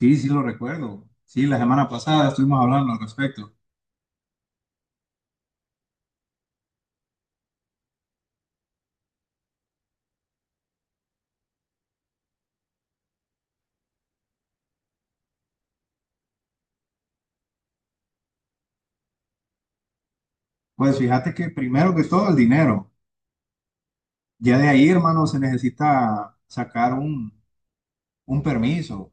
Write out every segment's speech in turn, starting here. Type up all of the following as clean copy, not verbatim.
Sí, sí lo recuerdo. Sí, la semana pasada estuvimos hablando al respecto. Pues fíjate que primero que todo el dinero. Ya de ahí, hermano, se necesita sacar un permiso.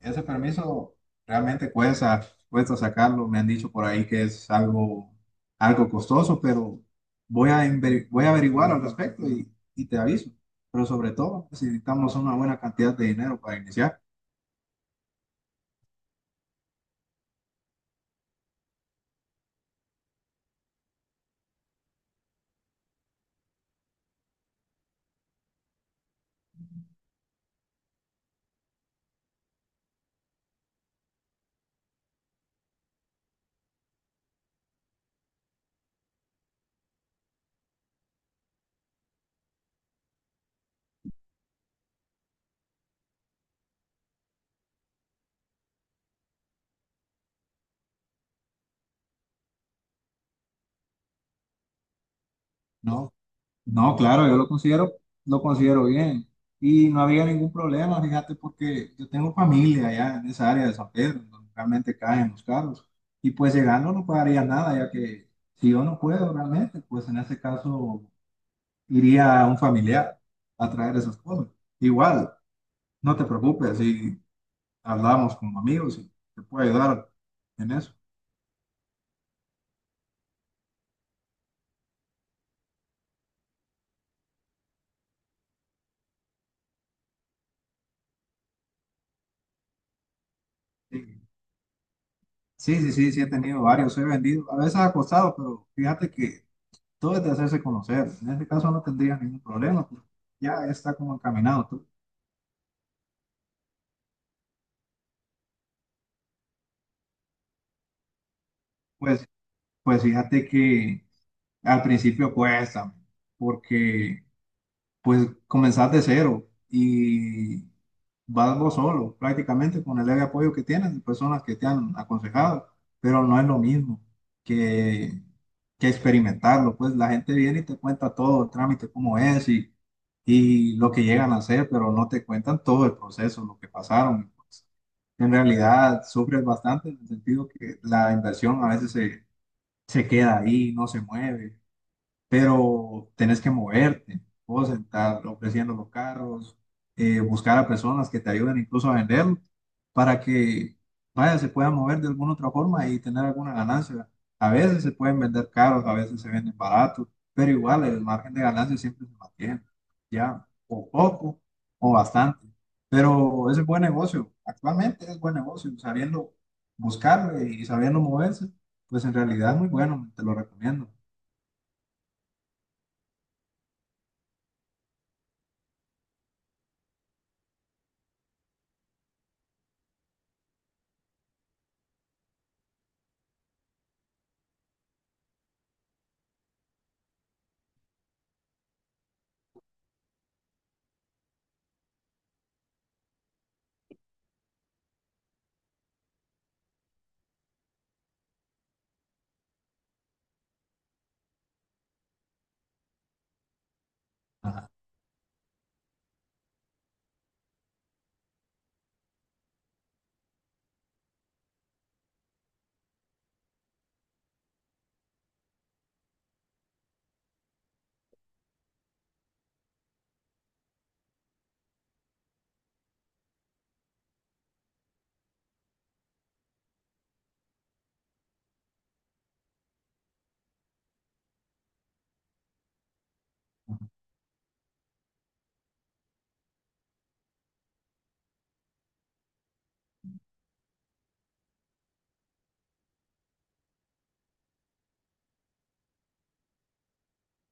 Ese permiso realmente cuesta sacarlo. Me han dicho por ahí que es algo costoso, pero voy a averiguar al respecto y te aviso. Pero sobre todo necesitamos una buena cantidad de dinero para iniciar. ¿No? No, claro, lo considero bien. Y no había ningún problema, fíjate, porque yo tengo familia allá en esa área de San Pedro, donde realmente caen los carros. Y pues llegando no pagaría nada, ya que si yo no puedo realmente, pues en ese caso iría a un familiar a traer esas cosas. Igual, no te preocupes, si hablamos como amigos y te puedo ayudar en eso. Sí, sí, sí, sí, sí he tenido varios, he vendido, a veces ha costado, pero fíjate que todo es de hacerse conocer. En este caso no tendría ningún problema, porque ya está como encaminado, tú. Pues, pues fíjate que al principio cuesta, porque pues comenzás de cero y vas vos solo, prácticamente con el leve apoyo que tienes de personas que te han aconsejado, pero no es lo mismo que, que experimentarlo. Pues la gente viene y te cuenta todo el trámite, cómo es y lo que llegan a hacer, pero no te cuentan todo el proceso, lo que pasaron, pues. En realidad sufres bastante en el sentido que la inversión a se queda ahí, no se mueve, pero tenés que moverte, vos estar ofreciendo los carros, buscar a personas que te ayuden incluso a venderlo para que vaya, se pueda mover de alguna otra forma y tener alguna ganancia. A veces se pueden vender caros, a veces se venden baratos, pero igual el margen de ganancia siempre se mantiene, ya, o poco o bastante. Pero ese es buen negocio, actualmente es buen negocio, sabiendo buscarlo y sabiendo moverse, pues en realidad es muy bueno, te lo recomiendo. Ajá.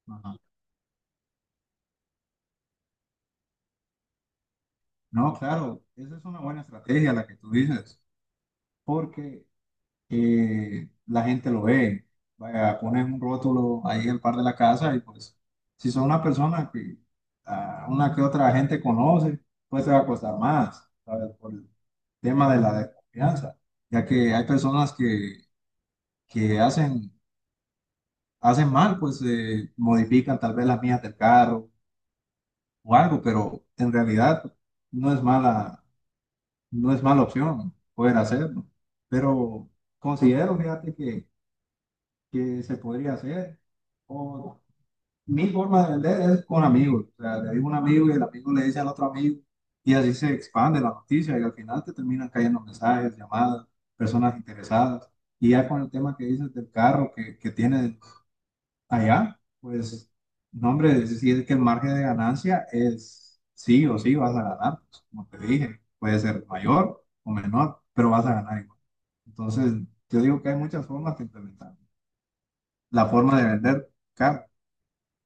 Ajá. No, claro, esa es una buena estrategia la que tú dices, porque la gente lo ve. Vaya, pones un rótulo ahí al par de la casa y pues si son una persona que a una que otra gente conoce, pues te va a costar más, ¿sabes? Por el tema de la desconfianza, ya que hay personas que hacen mal, pues modifican tal vez las mías del carro o algo, pero en realidad no es mala no es mala opción poder hacerlo, pero considero, fíjate, que se podría hacer. O mi forma de vender es con amigos, o sea, le digo a un amigo y el amigo le dice al otro amigo y así se expande la noticia y al final te terminan cayendo mensajes, llamadas, personas interesadas. Y ya con el tema que dices del carro que tienes allá, pues, no, hombre, si es que el margen de ganancia es sí o sí vas a ganar, pues, como te dije, puede ser mayor o menor, pero vas a ganar igual. Entonces, yo digo que hay muchas formas de implementar. La forma de vender, claro,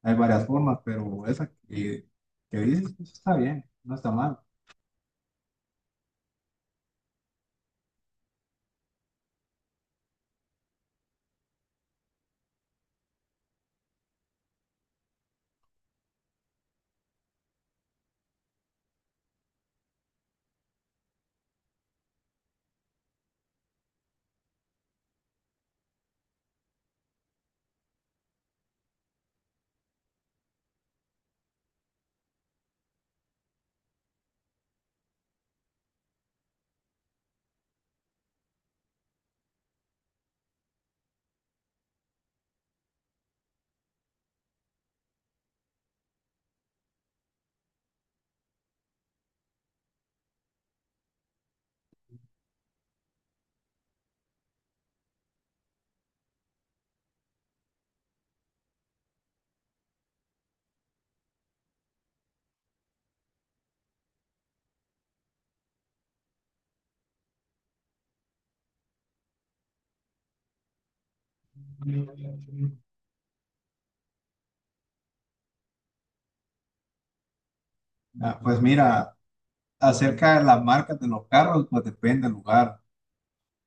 hay varias formas, pero esa que dices, pues está bien, no está mal. Ah, pues mira, acerca de las marcas de los carros, pues depende del lugar,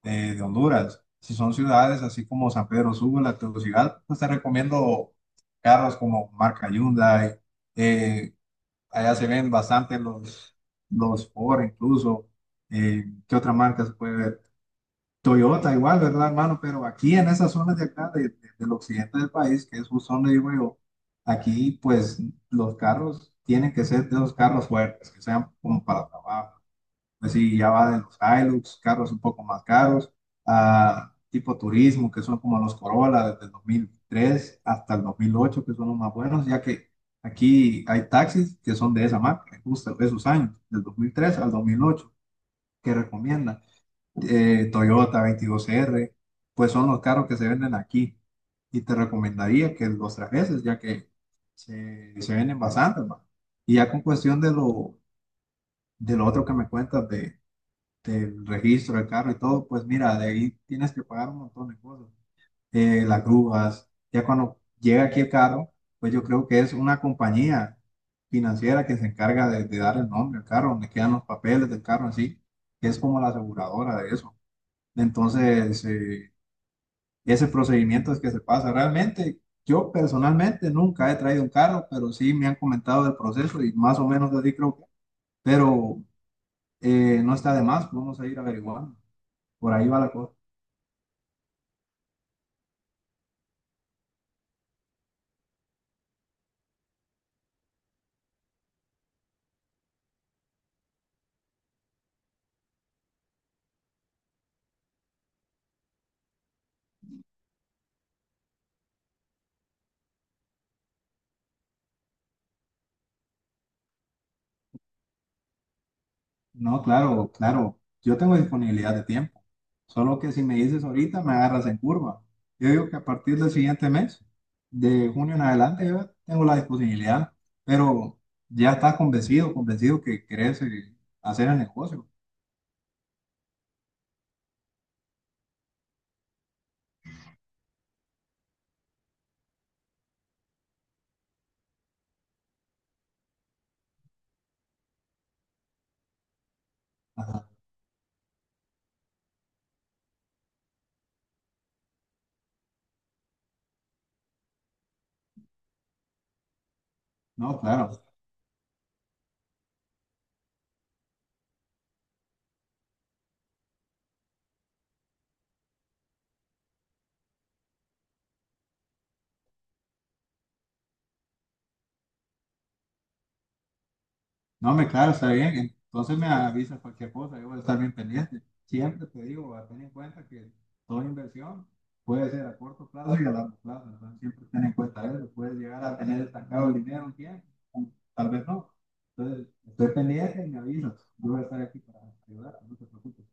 de Honduras. Si son ciudades así como San Pedro Sula, Tegucigalpa, pues te recomiendo carros como marca Hyundai. eh, Allá se ven bastante los Ford incluso. ¿Qué otra marca se puede ver? Toyota igual, ¿verdad, hermano? Pero aquí en esas zonas de acá, del occidente del país, que es justo donde vivo yo, aquí pues los carros tienen que ser de los carros fuertes, que sean como para trabajo. Pues sí, ya va de los Hilux, carros un poco más caros, a tipo turismo, que son como los Corolla desde el 2003 hasta el 2008, que son los más buenos, ya que aquí hay taxis que son de esa marca, justo de esos años, del 2003 al 2008, que recomiendan Toyota 22R, pues son los carros que se venden aquí. Y te recomendaría que los trajeses, ya que se venden bastante, ma. Y ya con cuestión de de lo otro que me cuentas del registro del carro y todo, pues mira, de ahí tienes que pagar un montón de cosas. Las grúas, ya cuando llega aquí el carro, pues yo creo que es una compañía financiera que se encarga de dar el nombre al carro, donde quedan los papeles del carro en sí, que es como la aseguradora de eso. Entonces, ese procedimiento es que se pasa. Realmente, yo personalmente nunca he traído un carro, pero sí me han comentado del proceso y más o menos así creo que. Pero no está de más, vamos a ir averiguando. Por ahí va la cosa. No, claro, claro. Yo tengo disponibilidad de tiempo. Solo que si me dices ahorita, me agarras en curva. Yo digo que a partir del siguiente mes, de junio en adelante, yo tengo la disponibilidad. Pero ya estás convencido que querés hacer el negocio. Ajá. No, claro. No, me claro, está bien. Entonces me avisas cualquier cosa, yo voy a estar bien pendiente. Siempre te digo, a ten en cuenta que toda inversión puede ser a corto plazo y a largo plazo. Entonces siempre ten en cuenta eso. Puedes llegar a tener estancado el dinero un tiempo, tal vez no. Entonces, estoy pendiente y me avisas. Yo voy a estar aquí para ayudar, no te preocupes.